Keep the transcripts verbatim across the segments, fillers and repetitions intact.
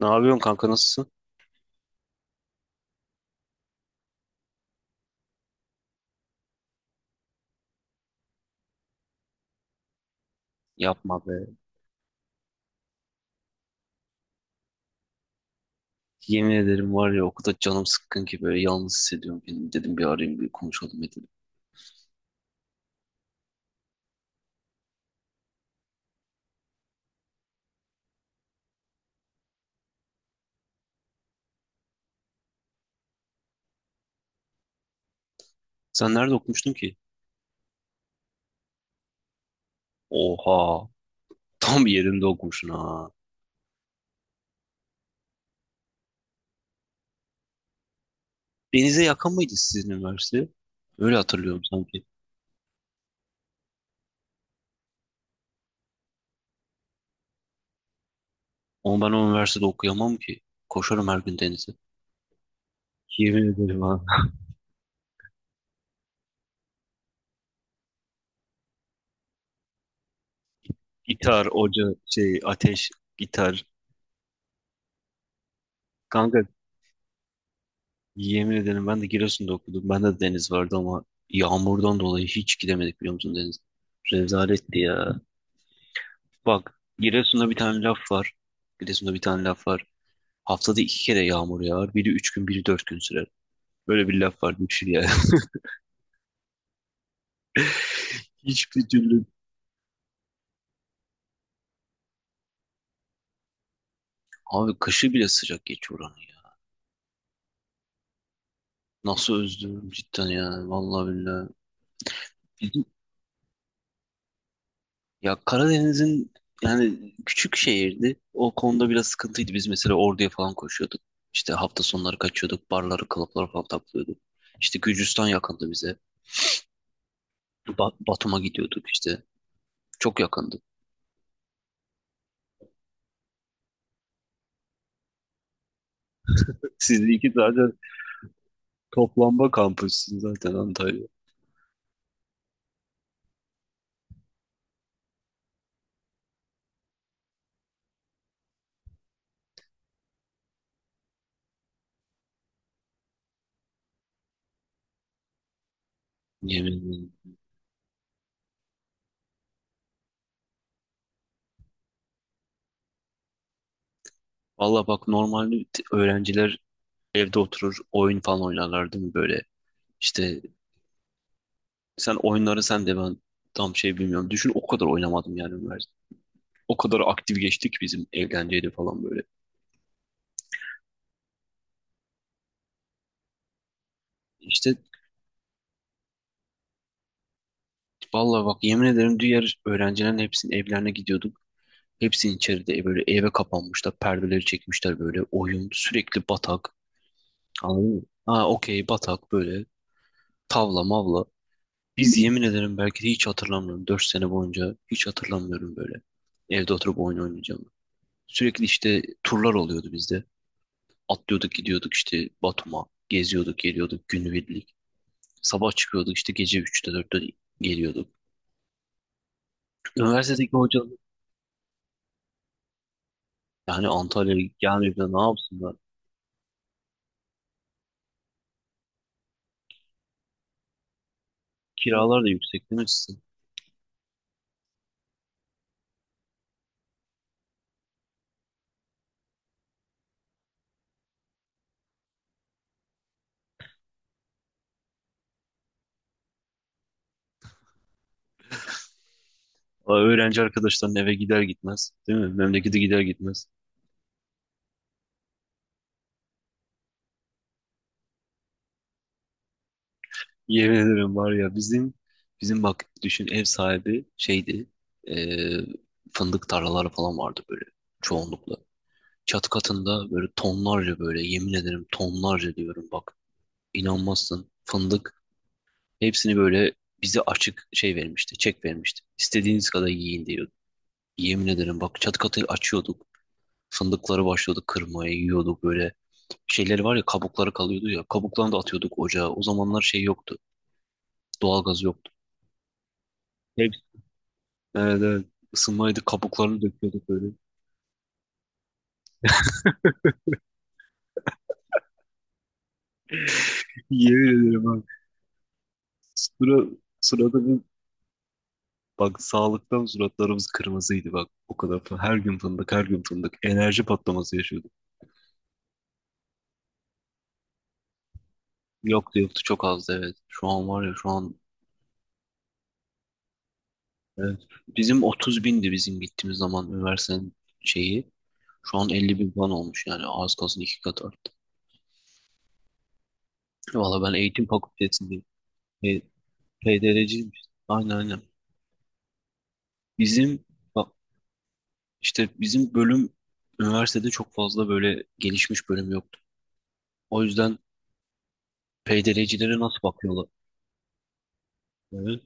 Ne yapıyorsun kanka, nasılsın? Yapma be. Yemin ederim var ya, okulda canım sıkkın ki böyle yalnız hissediyorum kendimi. Dedim bir arayayım, bir konuşalım dedim. Sen nerede okumuştun ki? Oha. Tam yerinde okumuşsun ha. Denize yakın mıydı sizin üniversite? Öyle hatırlıyorum sanki. Ama ben o üniversitede okuyamam ki. Koşarım her gün denize. Yemin ederim ha. Gitar, oca, şey, ateş, gitar. Kanka yemin ederim ben de Giresun'da okudum. Ben de deniz vardı ama yağmurdan dolayı hiç gidemedik, biliyor musun, deniz? Rezaletti ya. Bak, Giresun'da bir tane laf var. Giresun'da bir tane laf var. Haftada iki kere yağmur yağar. Biri üç gün, biri dört gün sürer. Böyle bir laf var. Düşün yani. Hiçbir türlü. Abi kışı bile sıcak geçiyor oranın ya. Nasıl özlüyorum cidden ya. Vallahi billahi. Ya Karadeniz'in yani, küçük şehirdi. O konuda biraz sıkıntıydı. Biz mesela Ordu'ya falan koşuyorduk. İşte hafta sonları kaçıyorduk. Barları, klapları falan taklıyorduk. İşte Gürcistan yakındı bize. Ba- Batum'a gidiyorduk işte. Çok yakındı. Siz iki tane toplanma kampüsünüz zaten Antalya. Yemin ederim. Valla bak, normalde öğrenciler evde oturur, oyun falan oynarlar değil mi böyle? İşte sen oyunları, sen de ben tam şey bilmiyorum. Düşün, o kadar oynamadım yani. O kadar aktif geçtik, bizim eğlenceydi falan böyle. İşte vallahi bak, yemin ederim diğer öğrencilerin hepsinin evlerine gidiyorduk. Hepsinin içeride e, böyle eve kapanmışlar. Perdeleri çekmişler böyle. Oyun sürekli batak. Anladın mı? Ha, okey batak böyle. Tavla mavla. Biz yemin ederim, belki de hiç hatırlamıyorum, dört sene boyunca hiç hatırlamıyorum böyle. Evde oturup oyun oynayacağımı. Sürekli işte turlar oluyordu bizde. Atlıyorduk gidiyorduk işte Batum'a. Geziyorduk geliyorduk günübirlik. Sabah çıkıyorduk, işte gece üçte dörtte geliyorduk. Üniversitedeki hocalar yani Antalya'ya gelmeyip de ne yapsınlar? Kiralar da yüksek değil mi sizin? Aa, öğrenci arkadaşların eve gider gitmez değil mi? Memlekete gider gitmez. Yemin ederim var ya, bizim bizim bak düşün ev sahibi şeydi, eee, fındık tarlaları falan vardı böyle çoğunlukla. Çat katında böyle tonlarca, böyle yemin ederim tonlarca diyorum bak, inanmazsın, fındık. Hepsini böyle bize açık şey vermişti, çek vermişti. İstediğiniz kadar yiyin diyordu. Yemin ederim bak, çat katı açıyorduk. Fındıkları başlıyorduk kırmaya, yiyorduk böyle. Şeyleri var ya, kabukları kalıyordu ya. Kabuklarını da atıyorduk ocağa. O zamanlar şey yoktu. Doğalgaz yoktu. Hep, evet, evet. Isınmaydı, kabuklarını döküyorduk böyle. Yemin ederim bak. Sıra, sırada bir bak sağlıktan suratlarımız kırmızıydı bak. O kadar fı- her gün fındık, her gün fındık. Enerji patlaması yaşıyorduk. Yoktu yoktu, çok azdı, evet. Şu an var ya, şu an evet. Bizim otuz bindi bizim gittiğimiz zaman üniversitenin şeyi. Şu an elli bin falan olmuş yani, az kalsın iki kat arttı. Valla ben eğitim fakültesindeyim. E, P D R'ciyim. Aynen aynen. Bizim bak işte bizim bölüm üniversitede çok fazla böyle gelişmiş bölüm yoktu. O yüzden P D R'cilere nasıl bakıyorlar? Evet.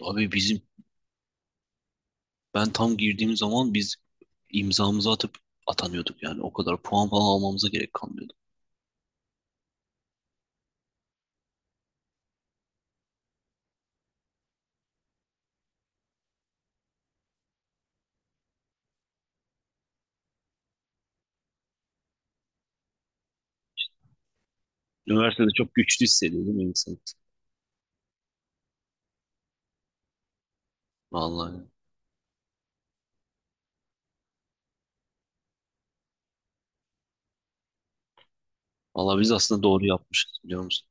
Abi bizim ben tam girdiğim zaman biz imzamızı atıp atanıyorduk yani, o kadar puan falan almamıza gerek kalmıyordu. Üniversitede çok güçlü hissediyordum insan. Vallahi. Valla biz aslında doğru yapmışız, biliyor musun?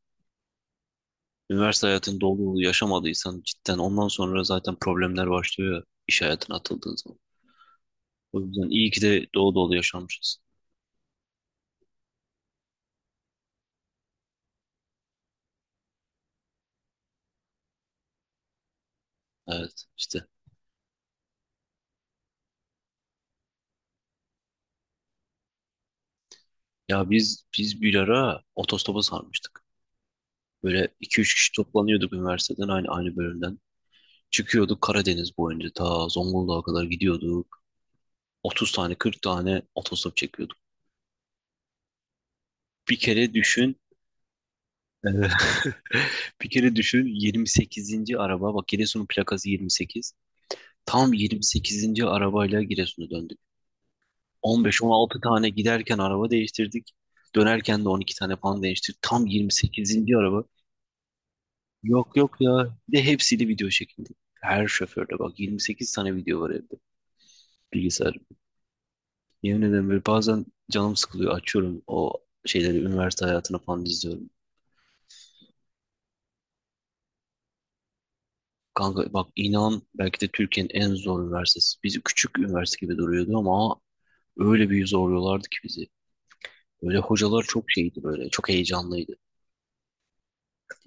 Üniversite hayatını dolu dolu yaşamadıysan cidden ondan sonra zaten problemler başlıyor ya, iş hayatına atıldığın zaman. O yüzden iyi ki de dolu dolu yaşamışız. Evet işte. Ya biz biz bir ara otostopa sarmıştık. Böyle iki üç kişi toplanıyorduk üniversiteden, aynı aynı bölümden. Çıkıyorduk Karadeniz boyunca ta Zonguldak'a kadar gidiyorduk. Otuz tane, kırk tane otostop çekiyorduk. Bir kere düşün, bir kere düşün, yirmi sekizinci araba, bak Giresun'un plakası yirmi sekiz. Tam yirmi sekizinci arabayla Giresun'a döndük. on beş on altı tane giderken araba değiştirdik. Dönerken de on iki tane falan değiştirdik. Tam yirmi sekizinci araba. Yok yok ya. Bir de hepsiyle video çekildi. Her şoförle bak, yirmi sekiz tane video var evde. Bilgisayar. Yemin ederim böyle bazen canım sıkılıyor. Açıyorum o şeyleri, üniversite hayatını falan izliyorum. Kanka bak, inan belki de Türkiye'nin en zor üniversitesi. Bizi küçük üniversite gibi duruyordu ama öyle bir zorluyorlardı ki bizi. Böyle hocalar çok şeydi böyle. Çok heyecanlıydı.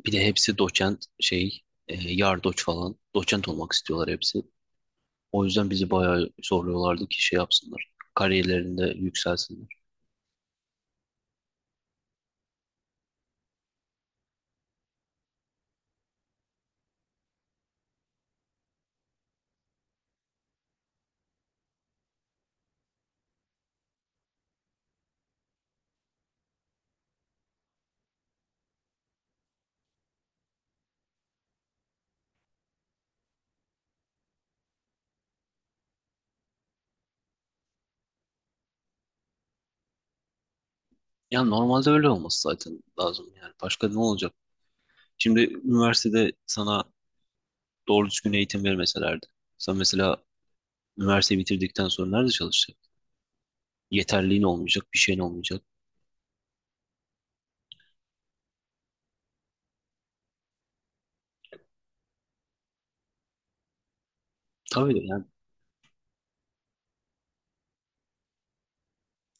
Bir de hepsi doçent şey, e, yardoç falan. Doçent olmak istiyorlar hepsi. O yüzden bizi bayağı zorluyorlardı ki şey yapsınlar, kariyerlerinde yükselsinler. Yani normalde öyle olması zaten lazım yani. Başka ne olacak? Şimdi üniversitede sana doğru düzgün eğitim vermeselerdi, sen mesela üniversiteyi bitirdikten sonra nerede çalışacaksın? Yeterliğin olmayacak, bir şeyin olmayacak. Tabii de yani.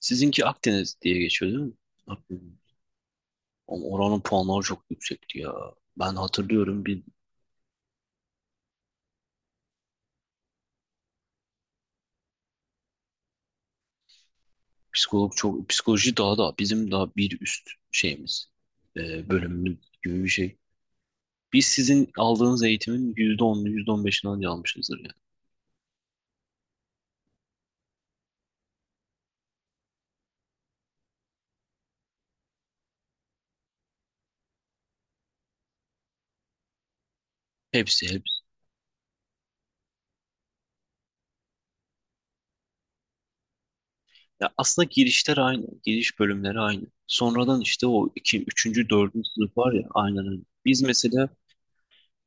Sizinki Akdeniz diye geçiyor değil mi? Akdeniz. Ama oranın puanları çok yüksekti ya. Ben hatırlıyorum bir psikolog çok, psikoloji daha da bizim daha bir üst şeyimiz, e, bölümümüz gibi bir şey. Biz sizin aldığınız eğitimin yüzde onunu, yüzde on beşini anca almışızdır yani. Hepsi hepsi. Ya aslında girişler aynı. Giriş bölümleri aynı. Sonradan işte o iki, üçüncü, dördüncü sınıf var ya, aynen öyle. Biz mesela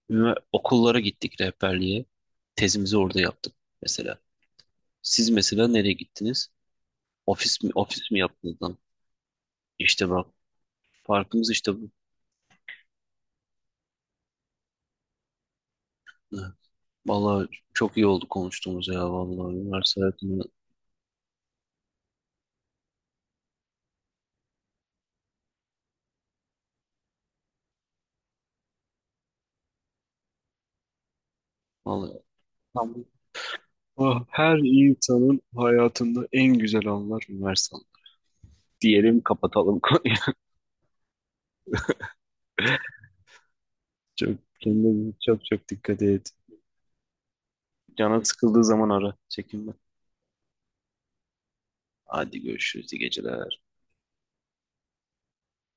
ünive- okullara gittik rehberliğe. Tezimizi orada yaptık mesela. Siz mesela nereye gittiniz? Ofis mi, ofis mi yaptınız lan? İşte bak, farkımız işte bu. Vallahi çok iyi oldu konuştuğumuz ya, vallahi üniversite hayatını vallahi tam. Ah, her insanın hayatında en güzel anlar üniversite anı. Diyelim, kapatalım konuyu. Çok, kendine çok çok dikkat et. Canın sıkıldığı zaman ara. Çekinme. Hadi görüşürüz. İyi geceler.